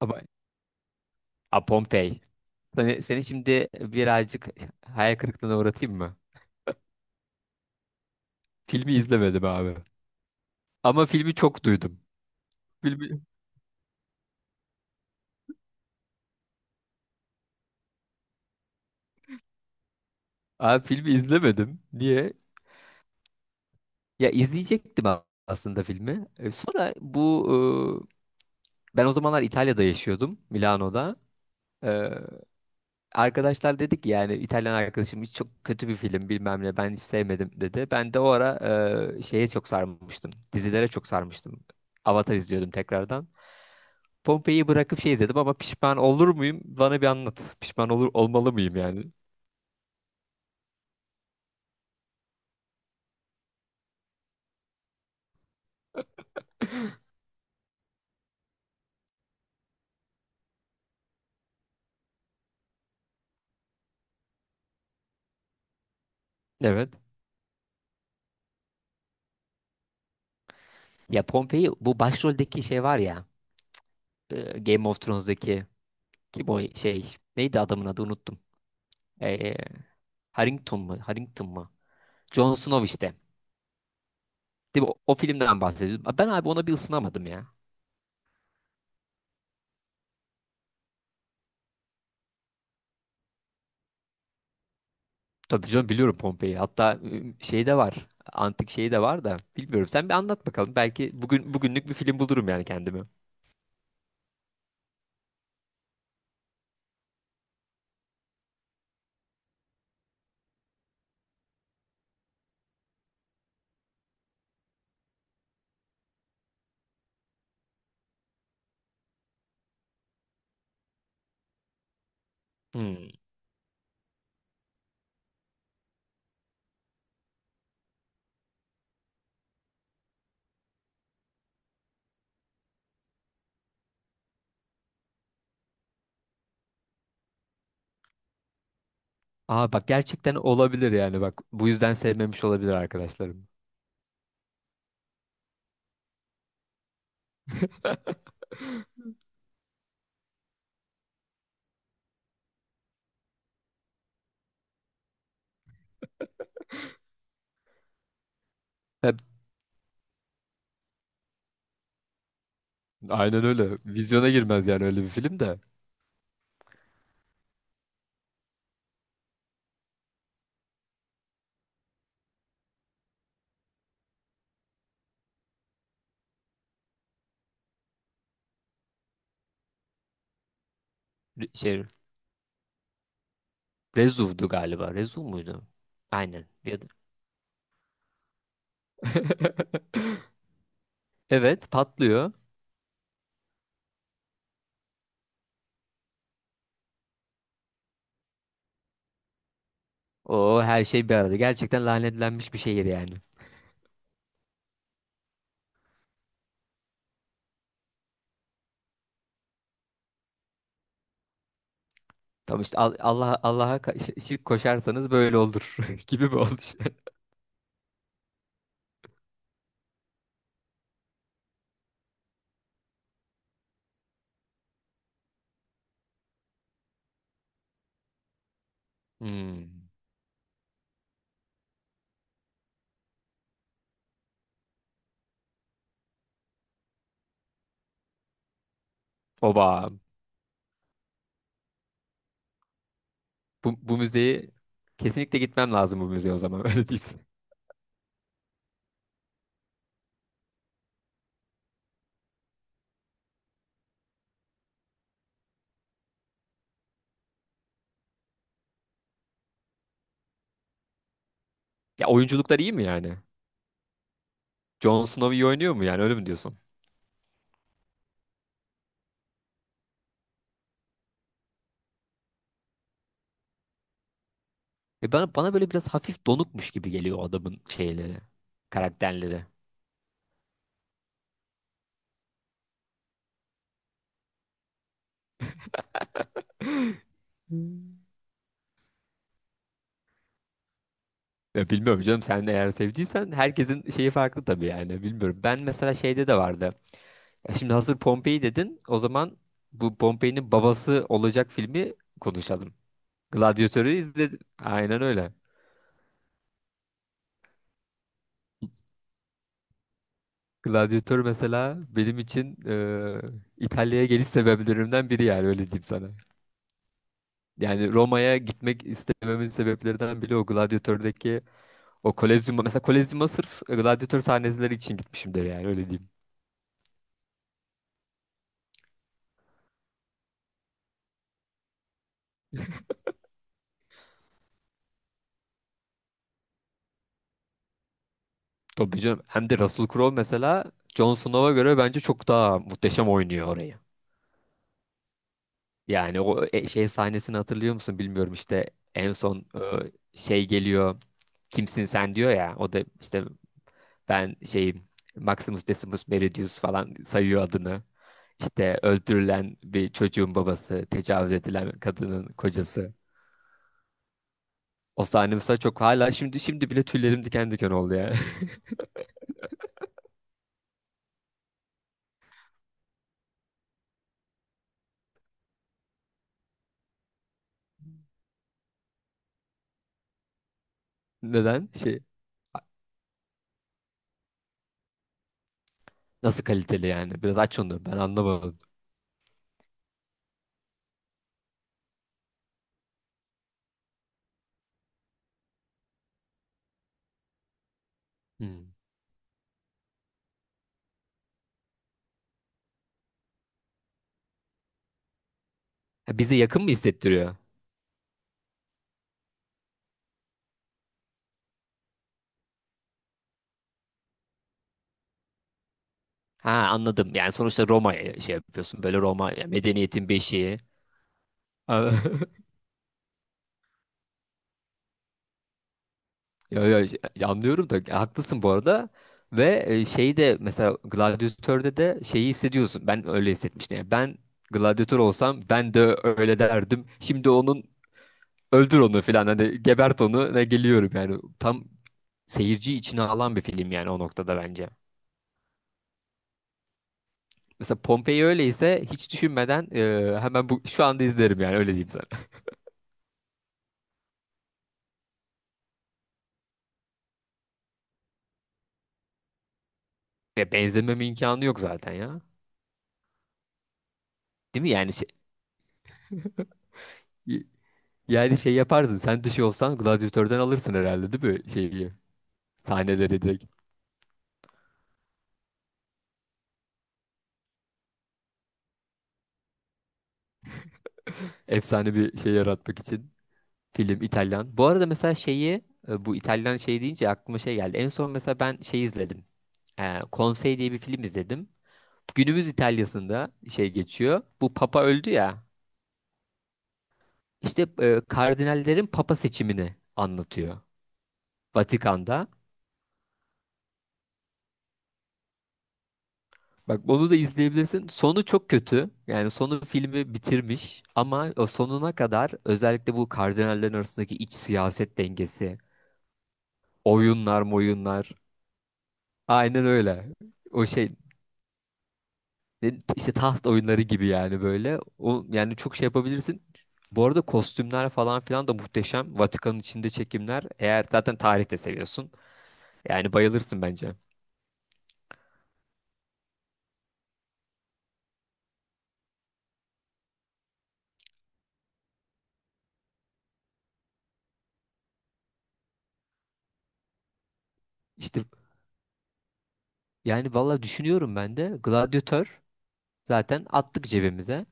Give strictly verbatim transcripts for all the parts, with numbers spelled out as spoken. Ama a, Pompei. Seni, seni şimdi birazcık hayal kırıklığına uğratayım mı? Filmi izlemedim abi. Ama filmi çok duydum. Filmi, abi filmi izlemedim. Niye? Ya izleyecektim a- aslında filmi. E, Sonra bu e, ben o zamanlar İtalya'da yaşıyordum, Milano'da. E, arkadaşlar dedik yani İtalyan arkadaşım hiç çok kötü bir film bilmem ne ben hiç sevmedim dedi. Ben de o ara e, şeye çok sarmıştım. Dizilere çok sarmıştım. Avatar izliyordum tekrardan. Pompei'yi bırakıp şey izledim ama pişman olur muyum? Bana bir anlat. Pişman olur olmalı mıyım yani? Evet. Ya Pompei bu başroldeki şey var ya e, Game of Thrones'daki kim o şey neydi adamın adı unuttum. E, Harrington mu? Harrington mu? Jon Snow işte. Değil mi? O, o filmden bahsediyorum. Ben abi ona bir ısınamadım ya. Tabii canım biliyorum Pompei'yi. Hatta e, şey de var. Antik şey de var da bilmiyorum. Sen bir anlat bakalım. Belki bugün bugünlük bir film bulurum yani kendime. Hmm. Aa bak gerçekten olabilir yani bak bu yüzden sevmemiş olabilir arkadaşlarım. Hep aynen öyle. Vizyona girmez yani öyle bir film de. Re- Şey Rezuv'du galiba. Rezuv muydu? Aynen. Ya da- Evet patlıyor. O her şey bir arada. Gerçekten lanetlenmiş bir şehir yani. Tam işte Al- Allah Allah'a ka- şi- şirk koşarsanız böyle olur gibi bir oluş. Hmm. Oba. Bu, bu müzeyi kesinlikle gitmem lazım bu müzeye o zaman öyle diyeyim size. Ya oyunculuklar iyi mi yani? Jon Snow iyi oynuyor mu yani öyle mi diyorsun? E bana, bana böyle biraz hafif donukmuş gibi geliyor o adamın şeyleri, karakterleri. Hmm. Ya bilmiyorum canım sen de eğer sevdiysen herkesin şeyi farklı tabii yani bilmiyorum. Ben mesela şeyde de vardı. Ya şimdi hazır Pompei dedin o zaman bu Pompei'nin babası olacak filmi konuşalım. Gladiatör'ü izledim. Aynen öyle. Gladiatör mesela benim için e, İtalya'ya geliş sebeplerimden biri yani öyle diyeyim sana. Yani Roma'ya gitmek istememin sebeplerinden biri o Gladiator'daki o Kolezyum'a. Mesela Kolezyum'a sırf Gladiator sahneleri için gitmişimdir yani öyle diyeyim. Tabii canım. Hem de Russell Crowe mesela Jon Snow'a göre bence çok daha muhteşem oynuyor orayı. Yani o e- şey sahnesini hatırlıyor musun bilmiyorum işte en son e, şey geliyor kimsin sen diyor ya o da işte ben şeyim Maximus Decimus Meridius falan sayıyor adını. İşte öldürülen bir çocuğun babası, tecavüz edilen kadının kocası. O sahne mesela çok hala şimdi şimdi bile tüylerim diken diken oldu ya. Neden? Şey nasıl kaliteli yani? Biraz aç onu ben anlamadım. Hmm. Ha, bize yakın mı hissettiriyor? Ha anladım. Yani sonuçta Roma'ya şey yapıyorsun. Böyle Roma yani medeniyetin beşiği. Ya, ya, ya anlıyorum da ya haklısın bu arada. Ve e, şeyi de mesela Gladiator'da da şeyi hissediyorsun. Ben öyle hissetmiştim. Yani ben Gladiator olsam ben de öyle derdim. Şimdi onun öldür onu falan hani gebert onu ne geliyorum yani. Tam seyirci içine alan bir film yani o noktada bence. Mesela Pompei öyleyse hiç düşünmeden e, hemen bu şu anda izlerim yani öyle diyeyim sana. Ya benzememe imkanı yok zaten ya. Değil mi yani şey, yani şey yapardın. Sen dışı olsan gladyatörden alırsın herhalde değil mi? Şeyi, sahneleri direkt. Efsane bir şey yaratmak için. Film İtalyan. Bu arada mesela şeyi e, bu İtalyan şey deyince aklıma şey geldi. En son mesela ben şey izledim. E, Konsey diye bir film izledim. Günümüz İtalya'sında şey geçiyor. Bu Papa öldü ya. İşte e, kardinallerin Papa seçimini anlatıyor. Vatikan'da. Bak onu da izleyebilirsin. Sonu çok kötü. Yani sonu filmi bitirmiş ama o sonuna kadar özellikle bu kardinallerin arasındaki iç siyaset dengesi, oyunlar, moyunlar. Aynen öyle. O şey ne- işte taht oyunları gibi yani böyle. O yani çok şey yapabilirsin. Bu arada kostümler falan filan da muhteşem. Vatikan'ın içinde çekimler. Eğer zaten tarih de seviyorsun. Yani bayılırsın bence. İşte yani valla düşünüyorum ben de. Gladyatör zaten attık cebimize.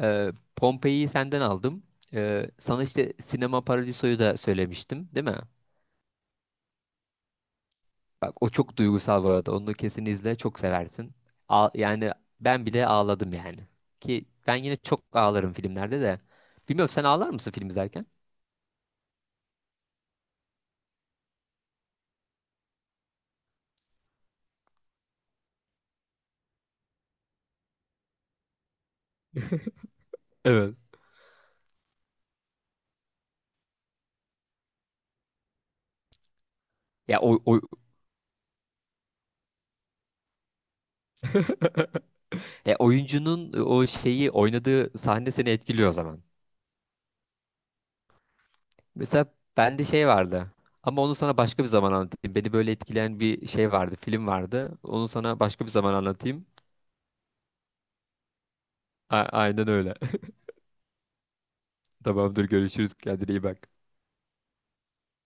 Ee, Pompei'yi senden aldım. Ee, sana işte Sinema Paradiso'yu da söylemiştim, değil mi? Bak o çok duygusal bu arada. Onu kesin izle, çok seversin. A- yani ben bile ağladım yani. Ki ben yine çok ağlarım filmlerde de. Bilmiyorum sen ağlar mısın film izlerken? Evet. Ya o, o- ya oyuncunun o şeyi oynadığı sahne seni etkiliyor o zaman. Mesela bende şey vardı. Ama onu sana başka bir zaman anlatayım. Beni böyle etkileyen bir şey vardı, film vardı. Onu sana başka bir zaman anlatayım. A- aynen öyle. Tamamdır görüşürüz. Kendine iyi bak.